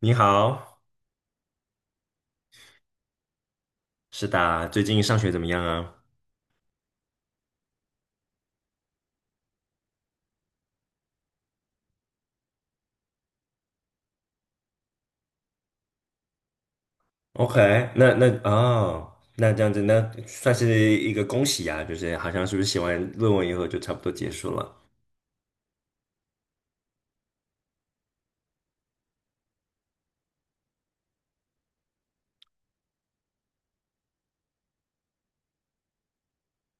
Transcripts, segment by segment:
你好，是的，最近上学怎么样啊？OK。那哦，那这样子，那算是一个恭喜啊，就是好像是不是写完论文以后就差不多结束了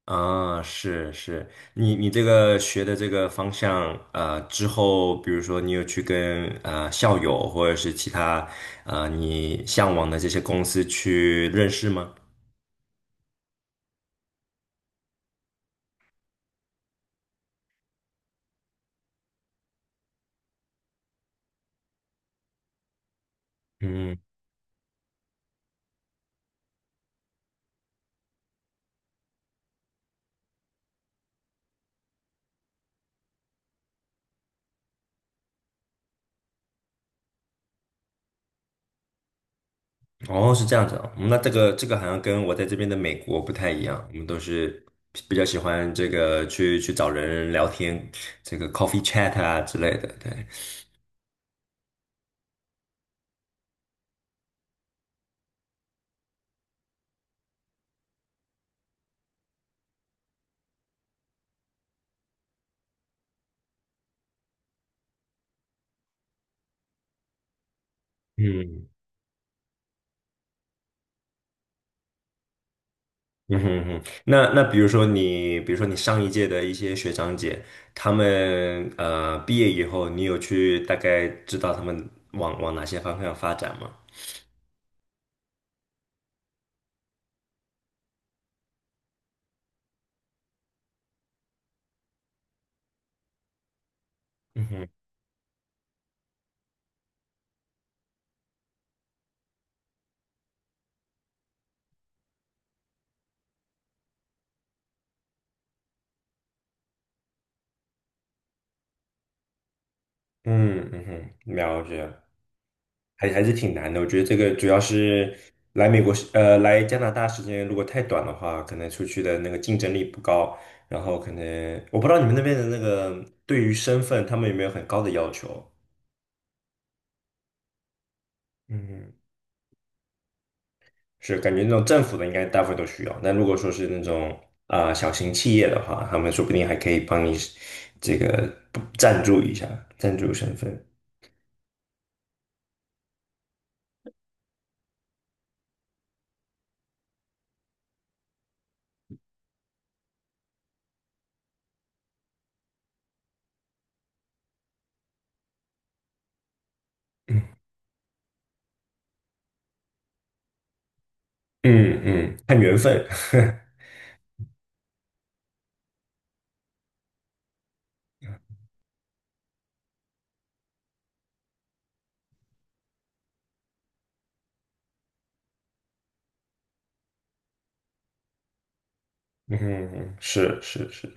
啊？是是，你这个学的这个方向，啊，之后比如说你有去跟啊校友或者是其他啊你向往的这些公司去认识吗？嗯。哦，是这样子啊。嗯，那这个好像跟我在这边的美国不太一样，我们都是比较喜欢这个去找人聊天，这个 coffee chat 啊之类的，对。嗯，嗯哼，嗯哼。那比如说你，比如说你上一届的一些学长姐，他们毕业以后，你有去大概知道他们往往哪些方向发展吗？嗯哼，嗯，嗯哼，了解。还是挺难的。我觉得这个主要是来美国时，来加拿大时间如果太短的话，可能出去的那个竞争力不高。然后可能我不知道你们那边的那个对于身份，他们有没有很高的要求？嗯，是感觉那种政府的应该大部分都需要。那如果说是那种啊、小型企业的话，他们说不定还可以帮你这个赞助一下，赞助身份。嗯嗯，看缘分。嗯，是是是。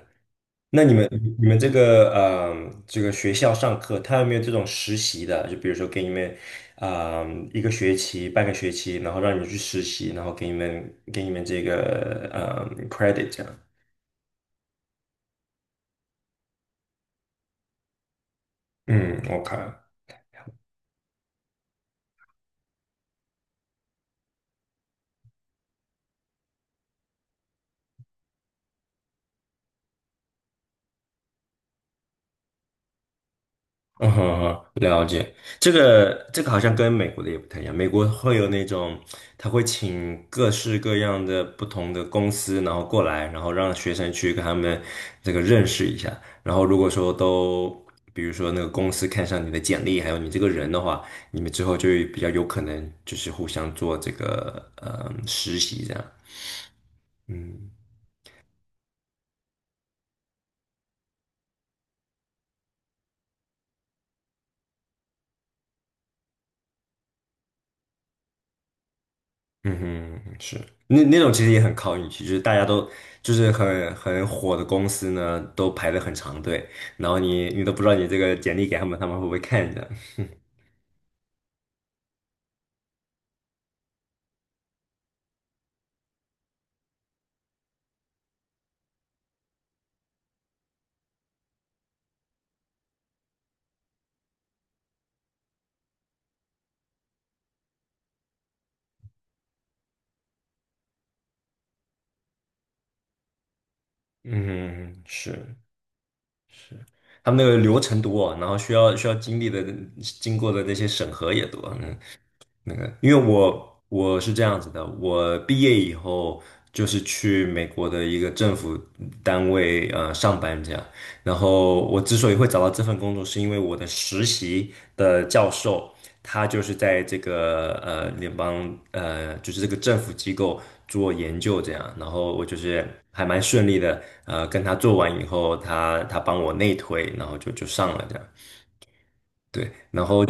那你们这个这个学校上课，他有没有这种实习的？就比如说给你们啊、一个学期、半个学期，然后让你们去实习，然后给你们这个credit 这样。嗯，OK。嗯哼哼。这个好像跟美国的也不太一样，美国会有那种，他会请各式各样的不同的公司，然后过来，然后让学生去跟他们这个认识一下，然后如果说都，比如说那个公司看上你的简历，还有你这个人的话，你们之后就比较有可能就是互相做这个实习这样，嗯。嗯哼，是，那那种其实也很靠运气，就是大家都就是很火的公司呢，都排了很长队，然后你都不知道你这个简历给他们，他们会不会看着？嗯，是他们那个流程多，然后需要经历的经过的那些审核也多，嗯。那个，因为我是这样子的，我毕业以后就是去美国的一个政府单位上班这样。然后我之所以会找到这份工作，是因为我的实习的教授他就是在这个联邦就是这个政府机构做研究这样。然后我就是还蛮顺利的，跟他做完以后，他帮我内推，然后就上了这样。对，然后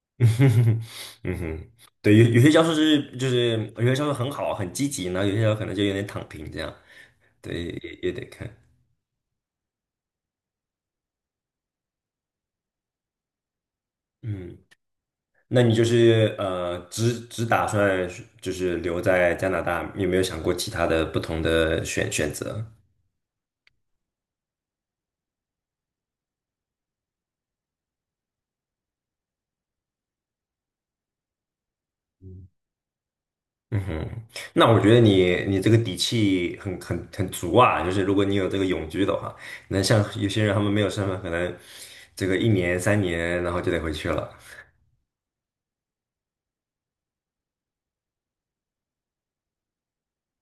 嗯哼，嗯哼。对，有些教授是就是有些教授很好很积极，然后有些教授可能就有点躺平这样，对，也得看。嗯，那你就是只打算是就是留在加拿大，有没有想过其他的不同的选择？嗯哼，那我觉得你这个底气很很很足啊，就是如果你有这个永居的话，那像有些人他们没有身份，可能这个一年3年，然后就得回去了。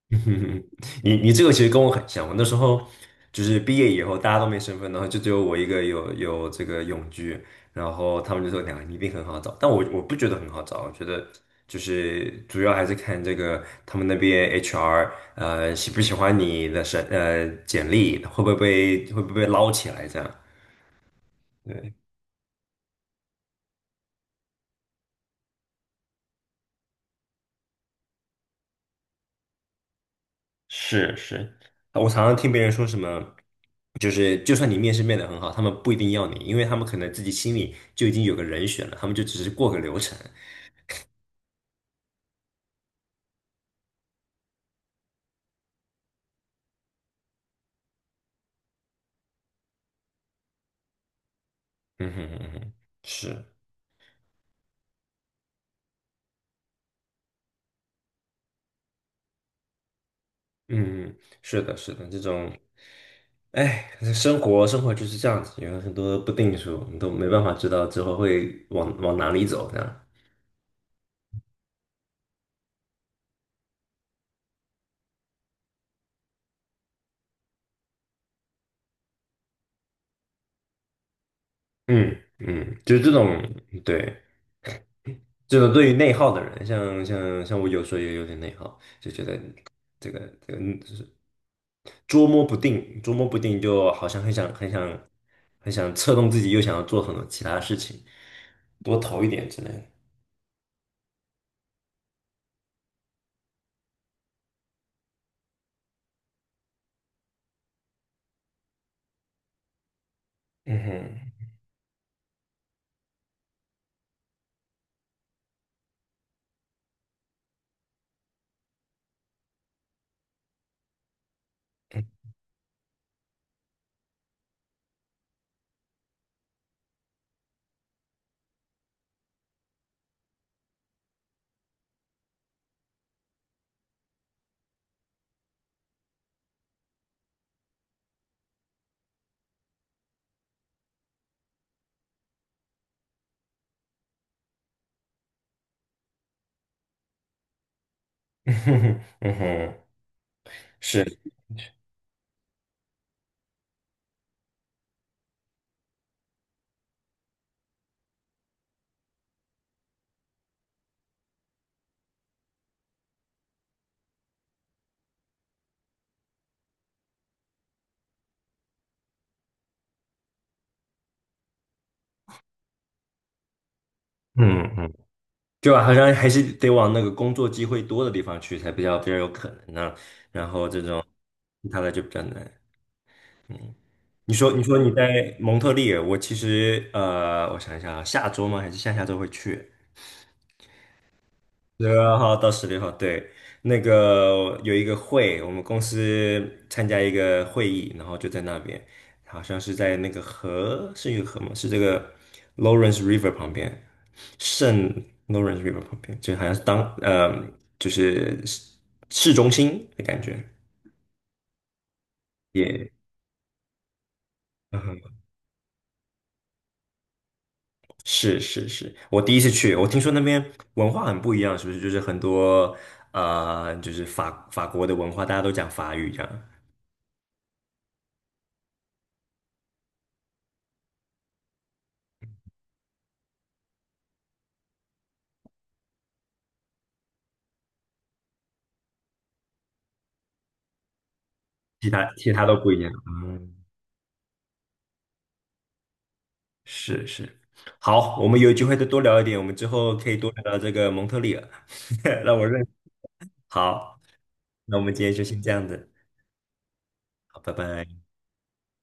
嗯，你这个其实跟我很像，我那时候就是毕业以后大家都没身份，然后就只有我一个有这个永居，然后他们就说2个你一定很好找，但我不觉得很好找，我觉得就是主要还是看这个他们那边 HR 喜不喜欢你的简历，会不会被捞起来这样。对。是是，我常常听别人说什么，就是就算你面试面的很好，他们不一定要你，因为他们可能自己心里就已经有个人选了，他们就只是过个流程。嗯哼，嗯哼，是，嗯，是的，是的，这种，哎，生活生活就是这样子，有很多不定数，你都没办法知道之后会往往哪里走，这样。嗯嗯，就是这种，对，这种对于内耗的人，像我有时候也有点内耗，就觉得这个这个，就是，捉摸不定，捉摸不定，就好像很想很想很想策动自己，又想要做很多其他事情，多投一点之类的。嗯哼，嗯哼，嗯哼，是，嗯嗯，就好像还是得往那个工作机会多的地方去，才比较有可能呢、然后这种其他的就比较难。嗯，你说你在蒙特利尔，我其实我想一下啊，下周吗？还是下下周会去？12号到16号，对。那个有一个会，我们公司参加一个会议，然后就在那边，好像是在那个河，是一个河吗？是这个 Lawrence River 旁边，圣 Lawrence River 旁边，就好像是就是市中心的感觉。也、嗯，是是是，我第一次去，我听说那边文化很不一样，是不是？就是很多就是法国的文化，大家都讲法语这样。其他都不一样。嗯，是是。好，我们有机会再多聊一点，我们之后可以多聊聊这个蒙特利尔。让我认识，好，那我们今天就先这样子。好，拜拜。